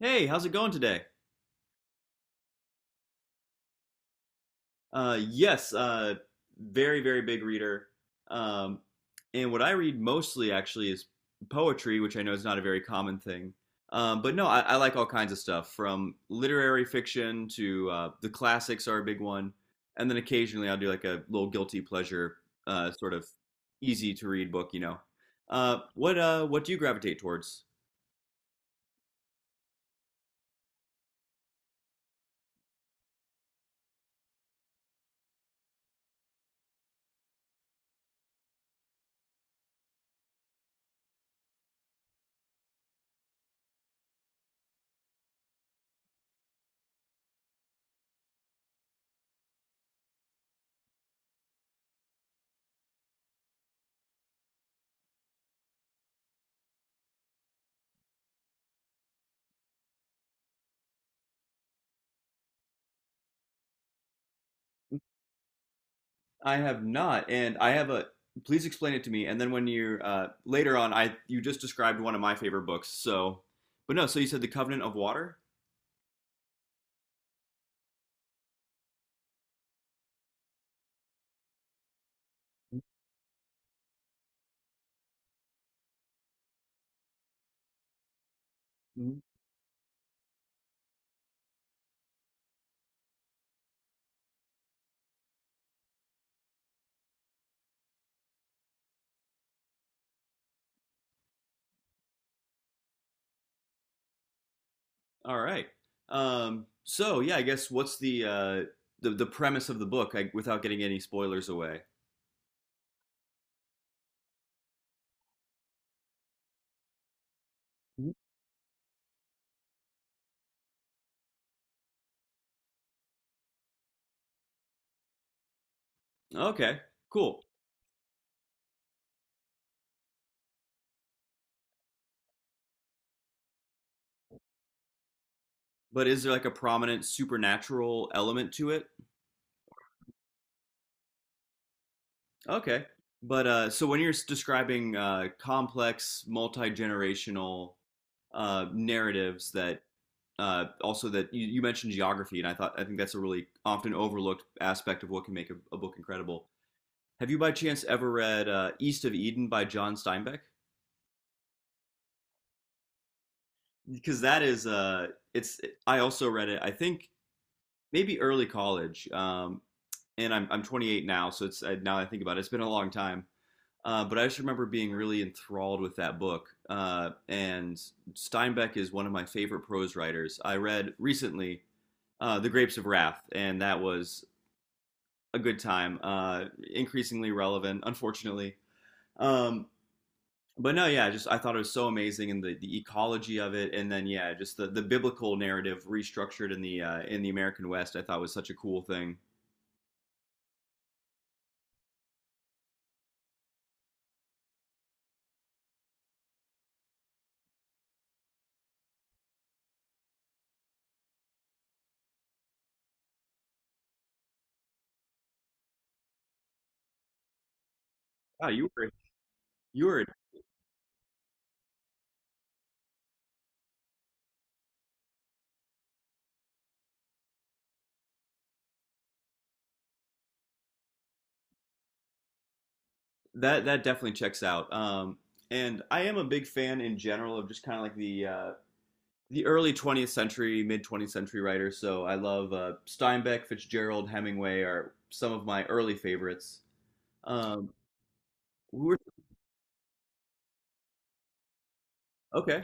Hey, how's it going today? Yes, very, very big reader. Um, and what I read mostly actually is poetry, which I know is not a very common thing. But no, I like all kinds of stuff from literary fiction to the classics are a big one. And then occasionally I'll do like a little guilty pleasure, sort of easy to read book. What do you gravitate towards? I have not, and I have a. Please explain it to me. And then when you later on, I you just described one of my favorite books. So, but no. So you said the Covenant of Water. Mhm. All right. So yeah, I guess what's the premise of the book without getting any spoilers away? Mhm. Okay, cool. But is there like a prominent supernatural element to it? Okay. But so when you're describing complex, multi-generational narratives that also that you mentioned geography, and I think that's a really often overlooked aspect of what can make a book incredible. Have you by chance ever read East of Eden by John Steinbeck? Because that is it's I also read it. I think maybe early college, and I'm 28 now, so it's now I think about it, it's been a long time. But I just remember being really enthralled with that book. And Steinbeck is one of my favorite prose writers. I read recently The Grapes of Wrath, and that was a good time. Increasingly relevant, unfortunately. Um, but no, yeah, just I thought it was so amazing and the ecology of it, and then yeah, just the biblical narrative restructured in the American West, I thought was such a cool thing. Wow, you were That definitely checks out. And I am a big fan in general of just kind of like the early 20th century, mid 20th century writers. So I love Steinbeck, Fitzgerald, Hemingway are some of my early favorites. Um, we were Okay.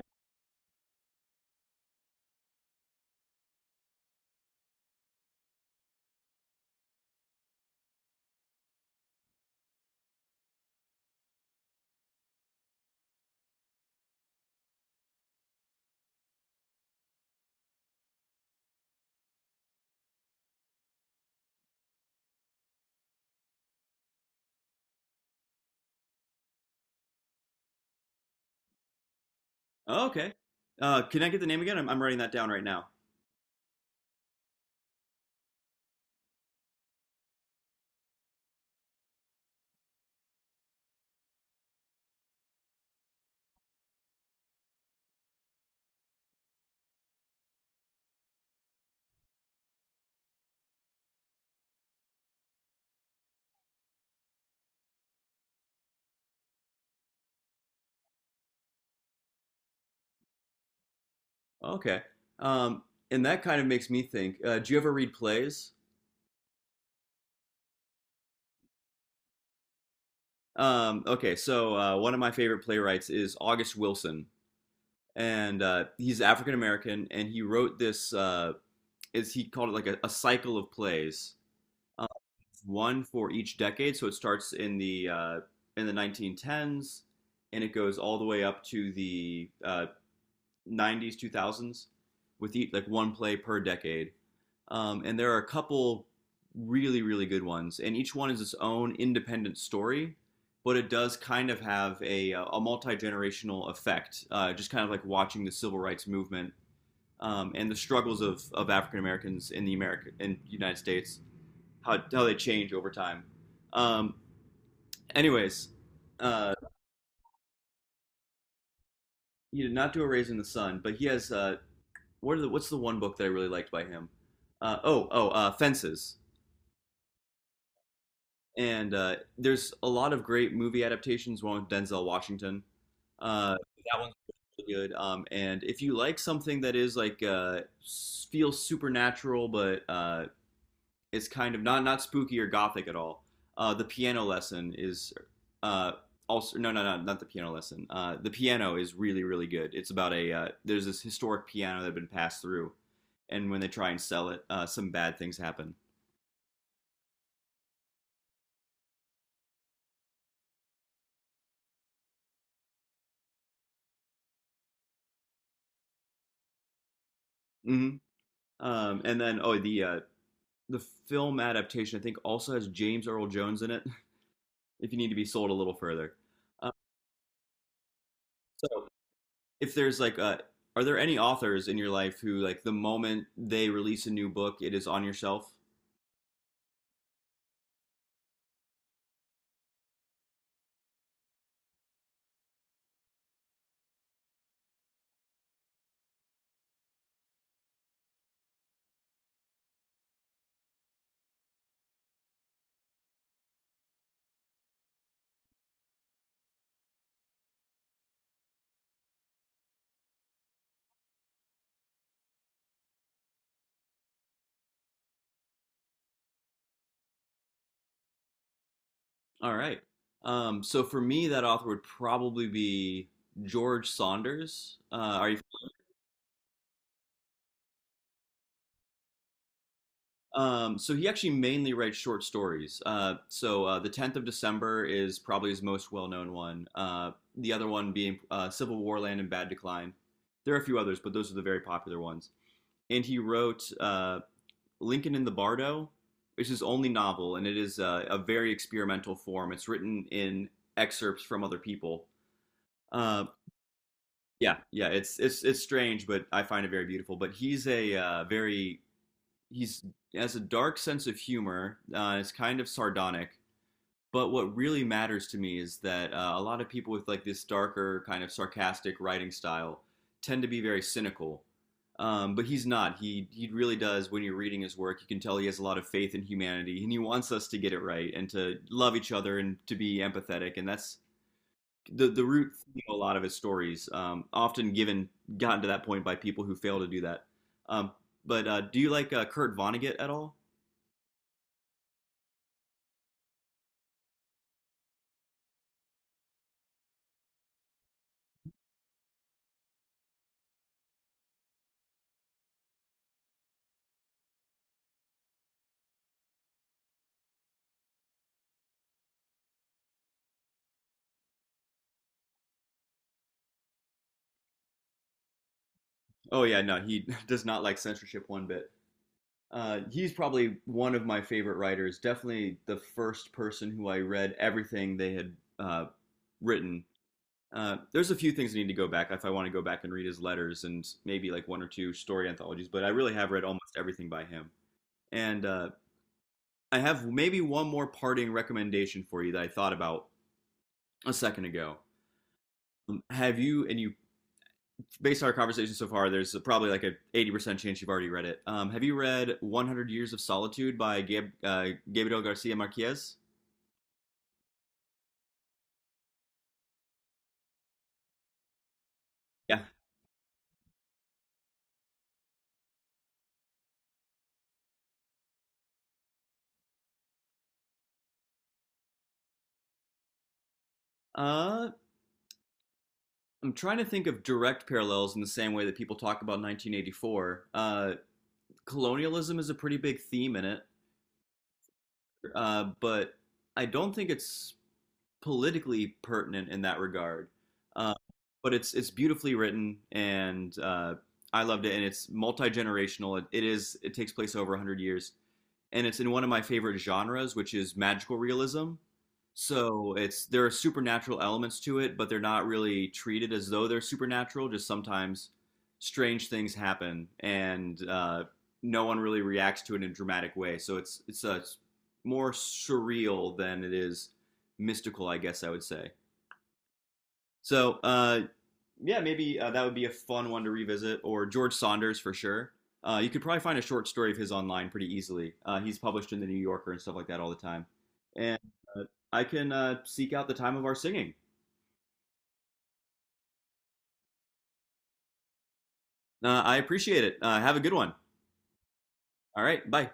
Oh, okay. Can I get the name again? I'm writing that down right now. Okay. Um, and that kind of makes me think. Do you ever read plays? Okay, so one of my favorite playwrights is August Wilson, and he's African American, and he wrote this. Is he called it like a cycle of plays, uh, one for each decade. So it starts in the 1910s, and it goes all the way up to the 90s, 2000s, with each, like one play per decade. And there are a couple really, really good ones, and each one is its own independent story, but it does kind of have a multi generational effect, just kind of like watching the civil rights movement and the struggles of African Americans in the America in the United States, how they change over time. Um, Anyways, uh, he did not do a raise in the sun, but he has what's the one book that I really liked by him? Oh, Fences. And there's a lot of great movie adaptations. One with Denzel Washington. Uh, that one's really good. And if you like something that is like feels supernatural but is kind of not spooky or gothic at all. The piano lesson is uh, also, no, no, no, not the piano lesson. The piano is really really good. It's about a There's this historic piano that had been passed through, and when they try and sell it, some bad things happen. Hmm. And then the film adaptation I think also has James Earl Jones in it. If you need to be sold a little further, uh, so if there's like a are there any authors in your life who like the moment they release a new book it is on your shelf? All right. So for me, that author would probably be George Saunders. Are you? So he actually mainly writes short stories. The 10th of December is probably his most well-known one. The other one being Civil War Land and Bad Decline. There are a few others, but those are the very popular ones. And he wrote Lincoln in the Bardo, which is his only novel, and it is a very experimental form. It's written in excerpts from other people. Uh, Yeah, yeah, it's strange, but I find it very beautiful. But he's has a dark sense of humor. It's kind of sardonic. But what really matters to me is that a lot of people with like this darker kind of sarcastic writing style tend to be very cynical. But he's not. He really does. When you're reading his work, you can tell he has a lot of faith in humanity, and he wants us to get it right and to love each other and to be empathetic. And that's the root theme of a lot of his stories, often given gotten to that point by people who fail to do that. Um, but Do you like Kurt Vonnegut at all? Oh yeah, no, he does not like censorship one bit. He's probably one of my favorite writers. Definitely the first person who I read everything they had uh, written. There's a few things I need to go back if I want to go back and read his letters and maybe like one or two-story anthologies, but I really have read almost everything by him. And I have maybe one more parting recommendation for you that I thought about a second ago. Have you, and you, Based on our conversation so far, there's probably like a 80% chance you've already read it. Have you read 100 Years of Solitude by Gabriel Garcia Marquez? Yeah. Uh, I'm trying to think of direct parallels in the same way that people talk about 1984. Colonialism is a pretty big theme in it, but I don't think it's politically pertinent in that regard. Uh, but it's beautifully written, and I loved it. And it's multi generational. It takes place over 100 years, and it's in one of my favorite genres, which is magical realism. So it's There are supernatural elements to it, but they're not really treated as though they're supernatural. Just sometimes strange things happen, and no one really reacts to it in a dramatic way. So more surreal than it is mystical, I guess I would say. So yeah, maybe that would be a fun one to revisit, or George Saunders for sure. You could probably find a short story of his online pretty easily. He's published in the New Yorker and stuff like that all the time. And uh, I can seek out the time of our singing. I appreciate it. Have a good one. All right, bye.